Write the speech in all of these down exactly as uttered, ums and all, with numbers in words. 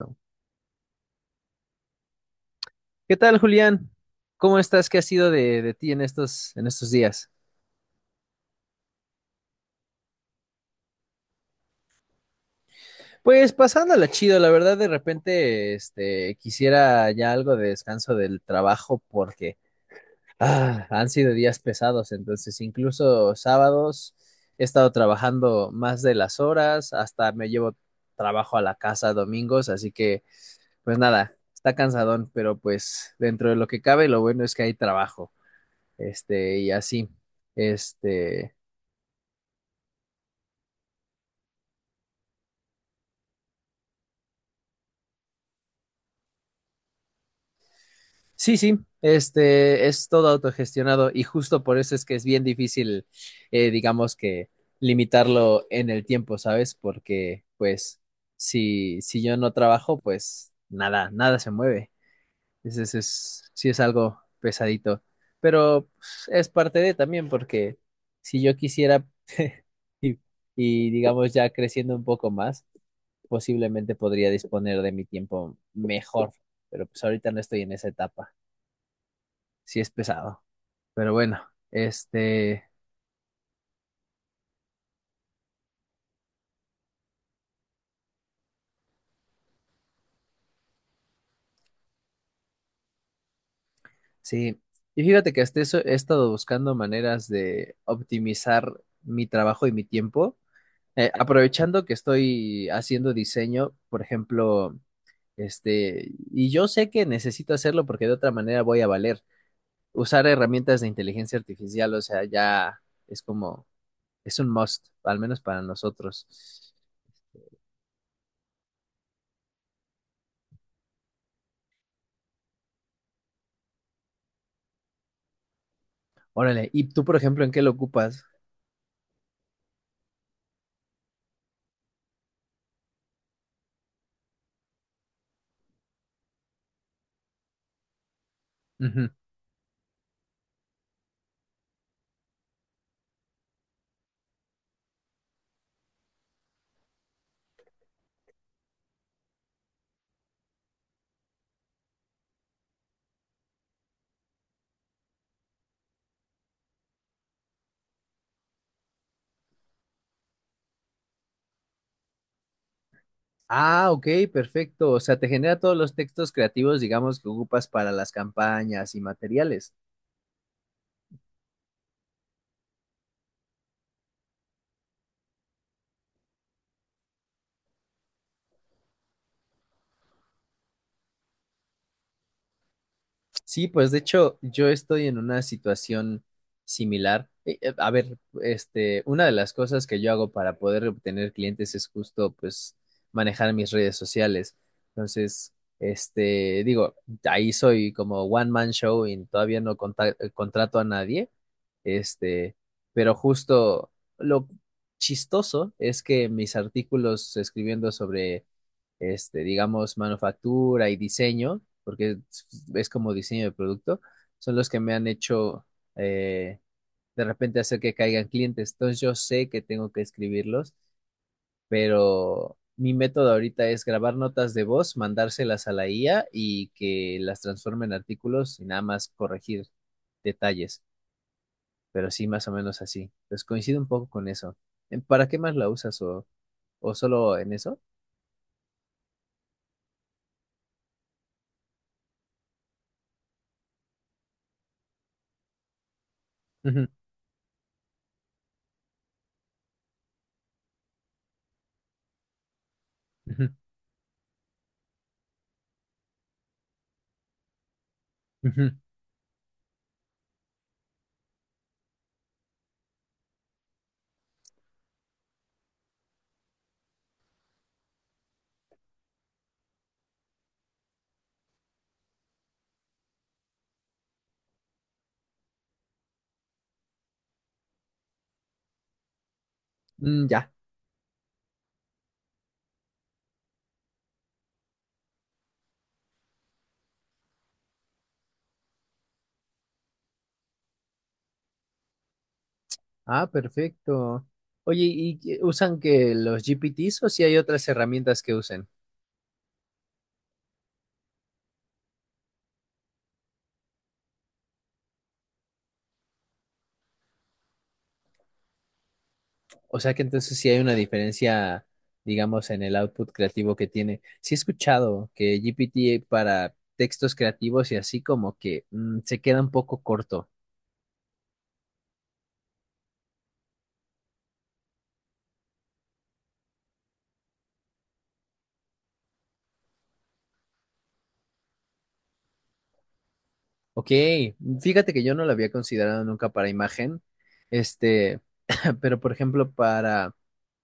No. ¿Qué tal, Julián? ¿Cómo estás? ¿Qué ha sido de, de ti en estos, en estos días? Pues pasándola chido, la verdad de repente este quisiera ya algo de descanso del trabajo porque ah, han sido días pesados, entonces incluso sábados he estado trabajando más de las horas, hasta me llevo trabajo a la casa domingos, así que pues nada, está cansadón, pero pues dentro de lo que cabe lo bueno es que hay trabajo, este y así, este. Sí, sí, este es todo autogestionado y justo por eso es que es bien difícil, eh, digamos que limitarlo en el tiempo, ¿sabes? Porque pues si, si yo no trabajo, pues nada, nada se mueve. Entonces es, sí es algo pesadito, pero pues, es parte de también porque si yo quisiera y, y digamos ya creciendo un poco más, posiblemente podría disponer de mi tiempo mejor, pero pues ahorita no estoy en esa etapa, sí es pesado. Pero bueno, este, sí. Y fíjate que hasta eso he estado buscando maneras de optimizar mi trabajo y mi tiempo. Eh, aprovechando que estoy haciendo diseño, por ejemplo, este, y yo sé que necesito hacerlo porque de otra manera voy a valer. Usar herramientas de inteligencia artificial, o sea, ya es como, es un must, al menos para nosotros. Órale, ¿y tú, por ejemplo, en qué lo ocupas? Ujú. Ah, ok, perfecto. O sea, te genera todos los textos creativos, digamos, que ocupas para las campañas y materiales. Sí, pues de hecho yo estoy en una situación similar. Eh, eh, A ver, este, una de las cosas que yo hago para poder obtener clientes es justo, pues, manejar mis redes sociales. Entonces, este, digo, ahí soy como one man show y todavía no conta- eh, contrato a nadie. Este, pero justo lo chistoso es que mis artículos escribiendo sobre este, digamos, manufactura y diseño, porque es es como diseño de producto, son los que me han hecho eh, de repente hacer que caigan clientes. Entonces yo sé que tengo que escribirlos, pero mi método ahorita es grabar notas de voz, mandárselas a la I A y que las transforme en artículos y nada más corregir detalles, pero sí más o menos así, pues coincido un poco con eso. ¿En- ¿Para qué más la usas o, o solo en eso? Ujú, ujú, ujú. Mm, ya. Ah, perfecto. Oye, ¿y qué- usan que los G P Ts o si hay otras herramientas que usen? O sea que entonces sí hay una diferencia, digamos, en el output creativo que tiene. Sí he escuchado que G P T para textos creativos y así como que mm, se queda un poco corto. Ok, fíjate que yo no lo había considerado nunca para imagen, este, pero por ejemplo para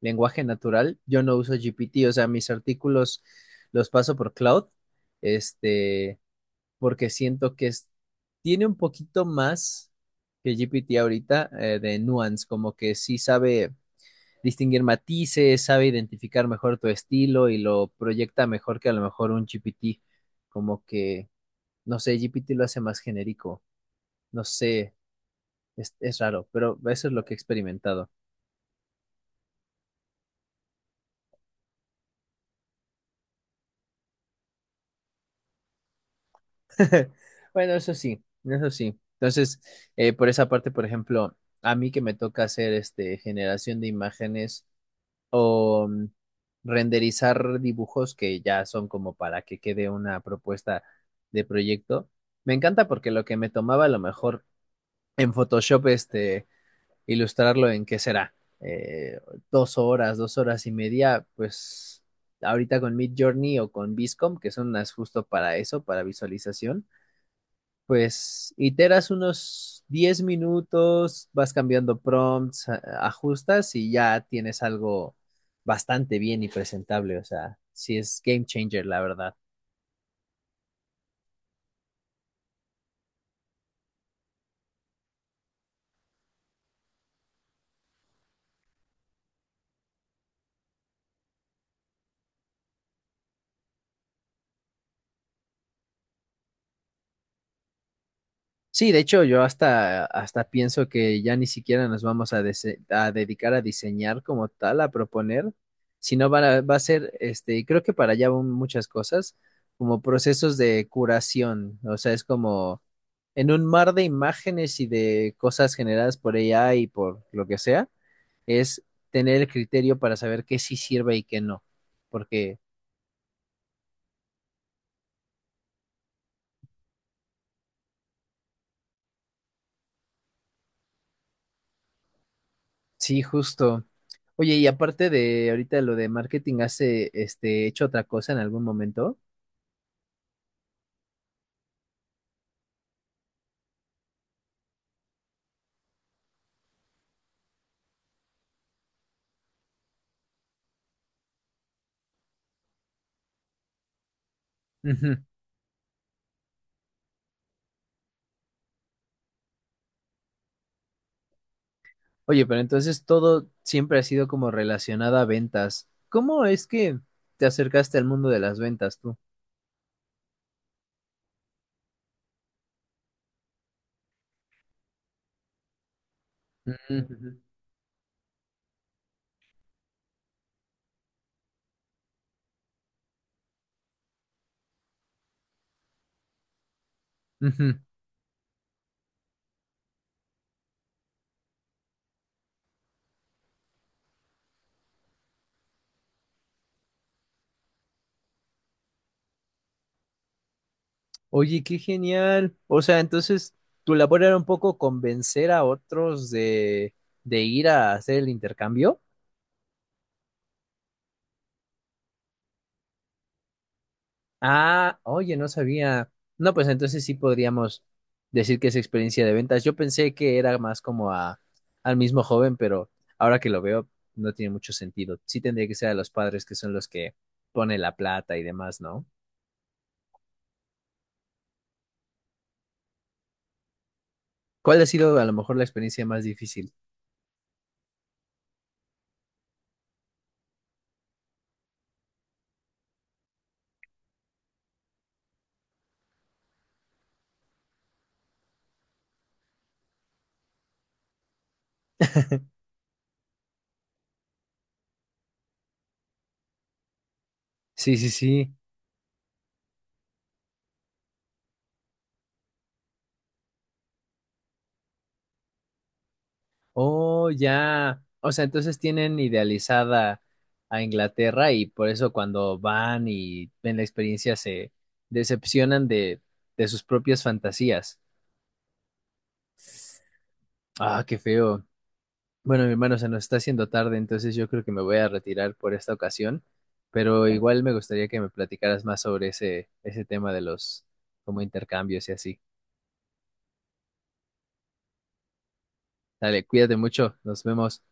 lenguaje natural, yo no uso G P T, o sea, mis artículos los paso por Cloud, este, porque siento que es- tiene un poquito más que G P T ahorita eh, de nuance, como que sí sabe distinguir matices, sabe identificar mejor tu estilo y lo proyecta mejor que a lo mejor un G P T, como que, no sé, G P T lo hace más genérico, no sé, es, es raro, pero eso es lo que he experimentado. Bueno, eso sí, eso sí. Entonces, eh, por esa parte, por ejemplo, a mí que me toca hacer este generación de imágenes o mm, renderizar dibujos que ya son como para que quede una propuesta de proyecto. Me encanta porque lo que me tomaba a lo mejor en Photoshop, este, ilustrarlo en qué será, Eh, dos horas, dos horas y media, pues ahorita con Mid Journey o con Viscom, que son unas justo para eso, para visualización, pues iteras unos diez minutos, vas cambiando prompts, a- ajustas y ya tienes algo bastante bien y presentable. O sea, sí es game changer, la verdad. Sí, de hecho, yo hasta, hasta pienso que ya ni siquiera nos vamos a, dese- a dedicar a diseñar como tal, a proponer, sino van a- va a ser, este, y creo que para allá van muchas cosas, como procesos de curación. O sea, es como en un mar de imágenes y de cosas generadas por ella y por lo que sea, es tener el criterio para saber qué sí sirve y qué no. Porque sí, justo. Oye, y aparte de ahorita lo de marketing, ¿has eh, este, hecho otra cosa en algún momento? Ujú. Oye, pero entonces todo siempre ha sido como relacionado a ventas. ¿Cómo es que te acercaste al mundo de las ventas tú? Ujú, ujú. Ujú. Oye, qué genial. O sea, entonces tu labor era un poco convencer a otros de, de ir a hacer el intercambio. Ah, oye, no sabía. No, pues entonces sí podríamos decir que es experiencia de ventas. Yo pensé que era más como a, al mismo joven, pero ahora que lo veo no tiene mucho sentido. Sí tendría que ser a los padres que son los que ponen la plata y demás, ¿no? ¿Cuál ha sido a lo mejor la experiencia más difícil? Sí, sí, sí. Oh, ya. O sea, entonces tienen idealizada a Inglaterra y por eso cuando van y ven la experiencia se decepcionan de, de sus propias fantasías. Ah, qué feo. Bueno, mi hermano, se nos está haciendo tarde, entonces yo creo que me voy a retirar por esta ocasión, pero igual me gustaría que me platicaras más sobre ese, ese tema de los como intercambios y así. Dale, cuídate mucho, nos vemos.